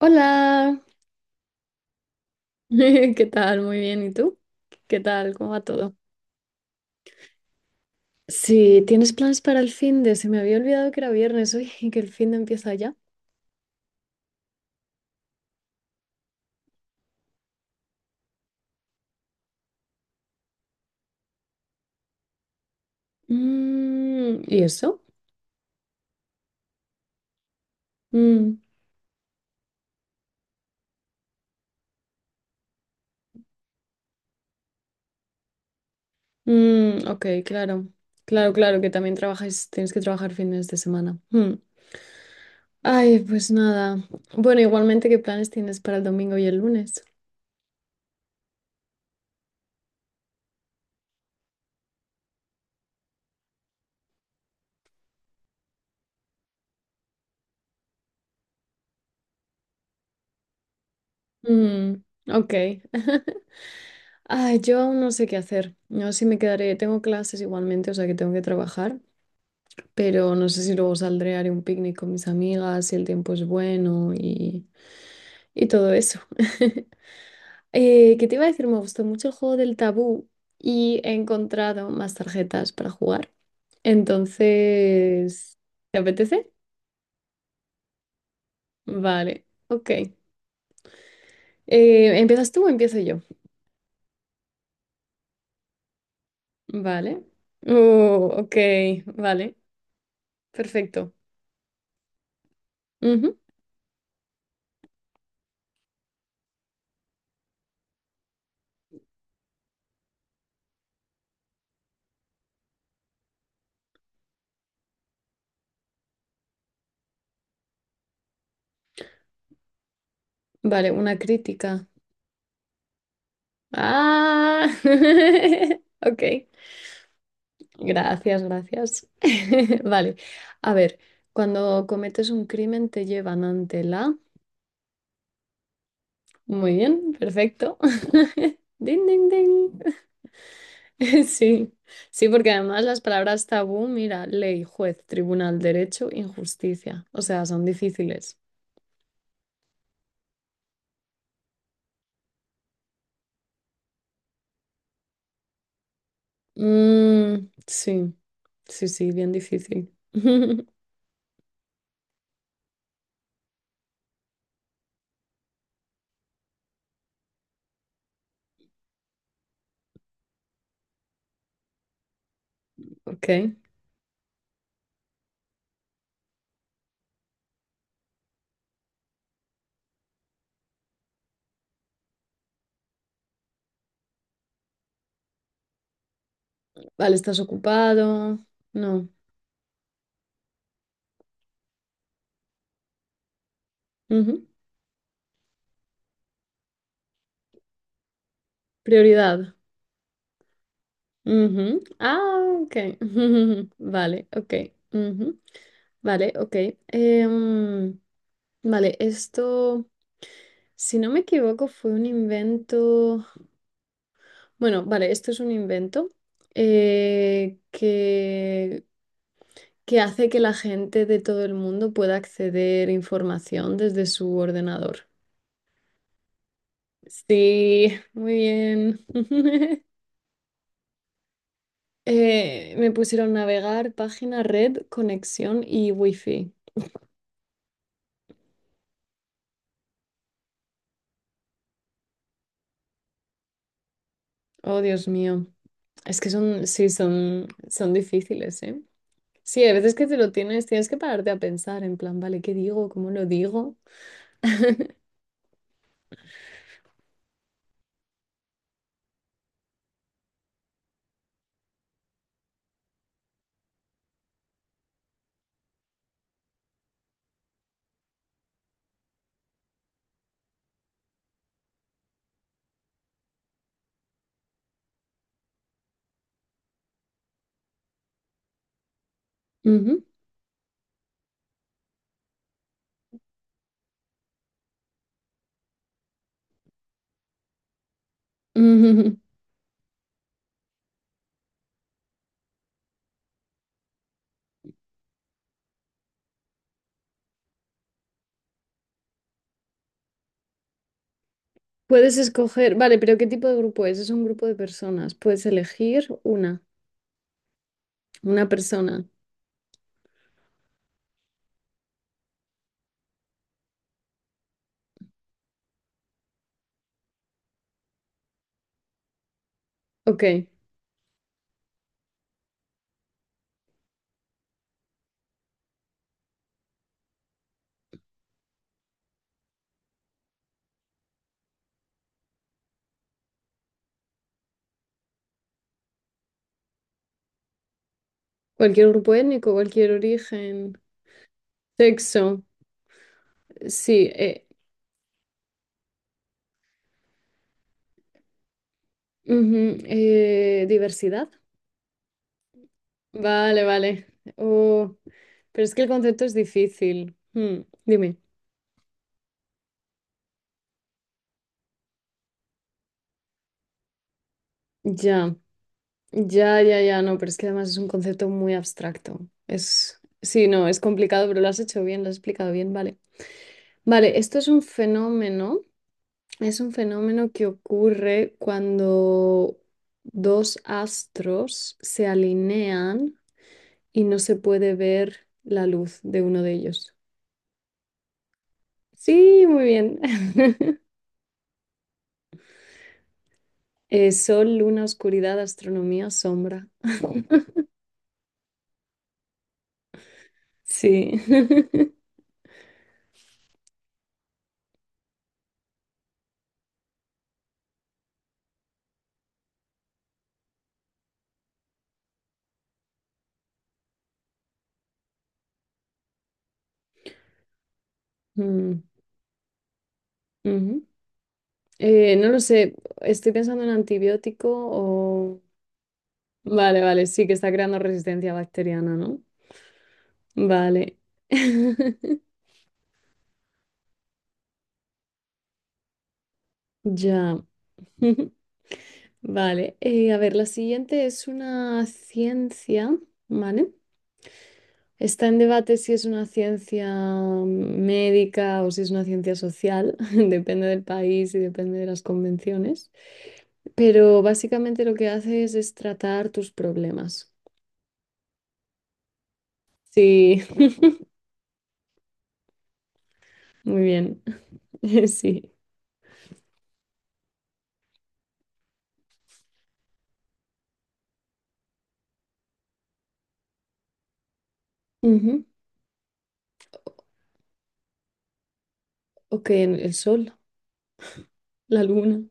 Hola, ¿qué tal? Muy bien, ¿y tú? ¿Qué tal? ¿Cómo va todo? Sí, ¿tienes planes para el fin de? Se me había olvidado que era viernes hoy y que el fin de empieza ya. ¿Y eso? Mm, ok, claro. Claro, claro, que también trabajáis, tienes que trabajar fines de semana. Mm. Ay, pues nada. Bueno, igualmente, ¿qué planes tienes para el domingo y el lunes? Mm, ok. Ay, yo aún no sé qué hacer. No sé si me quedaré. Tengo clases igualmente, o sea que tengo que trabajar. Pero no sé si luego saldré, haré un picnic con mis amigas, si el tiempo es bueno y todo eso. ¿Qué te iba a decir? Me gustó mucho el juego del tabú y he encontrado más tarjetas para jugar. Entonces, ¿te apetece? Vale, ok. ¿Empiezas tú o empiezo yo? Vale. Oh, ok, vale, perfecto. Ujú. Vale, una crítica. Ah, ok. Gracias, gracias. Vale, a ver, cuando cometes un crimen te llevan ante la... Muy bien, perfecto. Ding, ding, ding. Sí, sí, porque además las palabras tabú, mira, ley, juez, tribunal, derecho, injusticia. O sea, son difíciles. Mm, sí, sí, sí, bien difícil. Ok, vale, ¿estás ocupado? No. Ujú. Prioridad. Ujú. Ah, ok. Vale, ok. Ujú. Vale, ok. Em, vale, esto, si no me equivoco, fue un invento. Bueno, vale, esto es un invento eh, que, que hace que la gente de todo el mundo pueda acceder a información desde su ordenador. Sí, muy bien. Me pusieron navegar, página, red, conexión y wifi. Oh, Dios mío. Es que son, sí, son, son difíciles, ¿eh? Sí, hay veces que te lo tienes, tienes que pararte a pensar en plan, vale, ¿qué digo? ¿Cómo lo digo? Ujú, ujú. Puedes escoger, vale, pero ¿qué tipo de grupo es? Es un grupo de personas. Puedes elegir una persona. Ok. Cualquier grupo étnico, cualquier origen, sexo. Sí, ujú, diversidad. Vale, vale. Oh, pero es que el concepto es difícil. Hmm, dime. Ya. Ya, ya, ya, no, pero es que además es un concepto muy abstracto. Es, sí, no, es complicado, pero lo has hecho bien, lo has explicado bien, vale. Vale, esto es un fenómeno que ocurre cuando dos astros se alinean y no se puede ver la luz de uno de ellos. Sí, muy bien. Sol, luna, oscuridad, astronomía, sombra. Sí. Mm, ujú. No lo sé, estoy pensando en antibiótico o... Vale, vale, sí que está creando resistencia bacteriana, ¿no? Vale. Ya. Vale. A ver, la siguiente es una ciencia, ¿vale? Está en debate si es una ciencia médica o si es una ciencia social, depende del país y depende de las convenciones, pero básicamente lo que haces es tratar tus problemas. Sí, muy bien. Sí. Ujú. Ok, en el sol, la luna,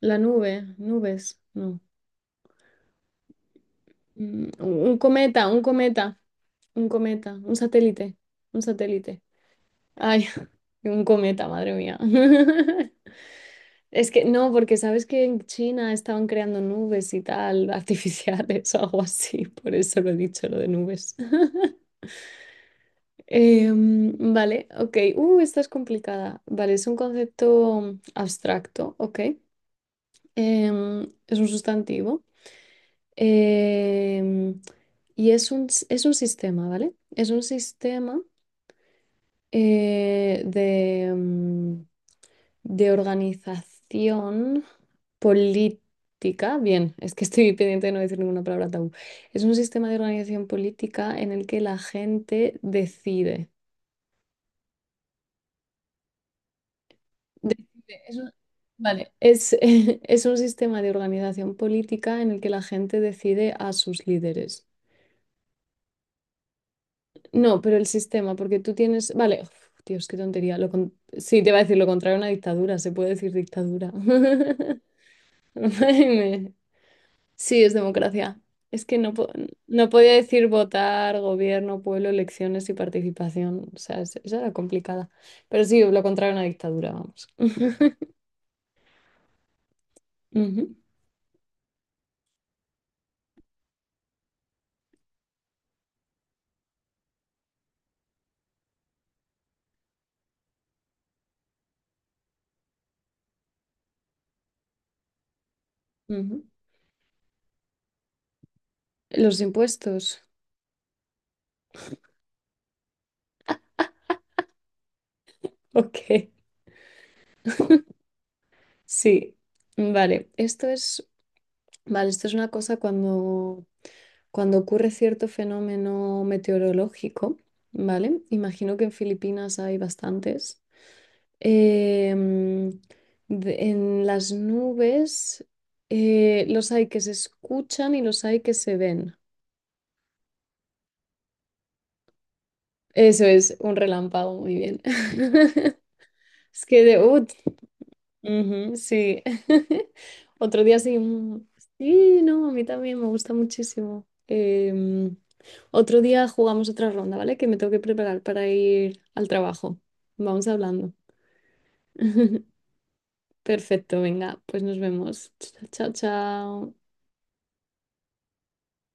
la nube, nubes, no. Mm, un cometa, un cometa, un cometa, un satélite, un satélite. Ay, un cometa, madre mía. Es que no, porque sabes que en China estaban creando nubes y tal, artificiales o algo así, por eso lo he dicho, lo de nubes. Vale, ok. Esta es complicada. Vale, es un concepto abstracto, ok. Es un sustantivo. Em, y es un, s- es un sistema, ¿vale? Es un sistema eh, de, mm, de organización política. Bien, es que estoy pendiente de no decir ninguna palabra tabú. Es un sistema de organización política en el que la gente decide. Decide, es un- vale, es, es un sistema de organización política en el que la gente decide a sus líderes. No, pero el sistema, porque tú tienes. Vale, uf, Dios, qué tontería. Sí, te va a decir lo contrario a una dictadura, se puede decir dictadura. Ay, me- Sí, es democracia. Es que no, no podía decir votar, gobierno, pueblo, elecciones y participación. O sea, esa era complicada. Pero sí, lo contrario a una dictadura, vamos. Ujú, ujú. Los impuestos. Ok, sí. Vale, esto es. Vale, esto es una cosa cuando ocurre cierto fenómeno meteorológico, ¿vale? Imagino que en Filipinas hay bastantes. em, en las nubes los hay que se escuchan y los hay que se ven. Eso es un relámpago, muy bien. Es que de, uh, Ujú, sí. Otro día sí. Sí, no, a mí también me gusta muchísimo. Otro día jugamos otra ronda, ¿vale? Que me tengo que preparar para ir al trabajo. Vamos hablando. Perfecto, venga, pues nos vemos. Chao, chao.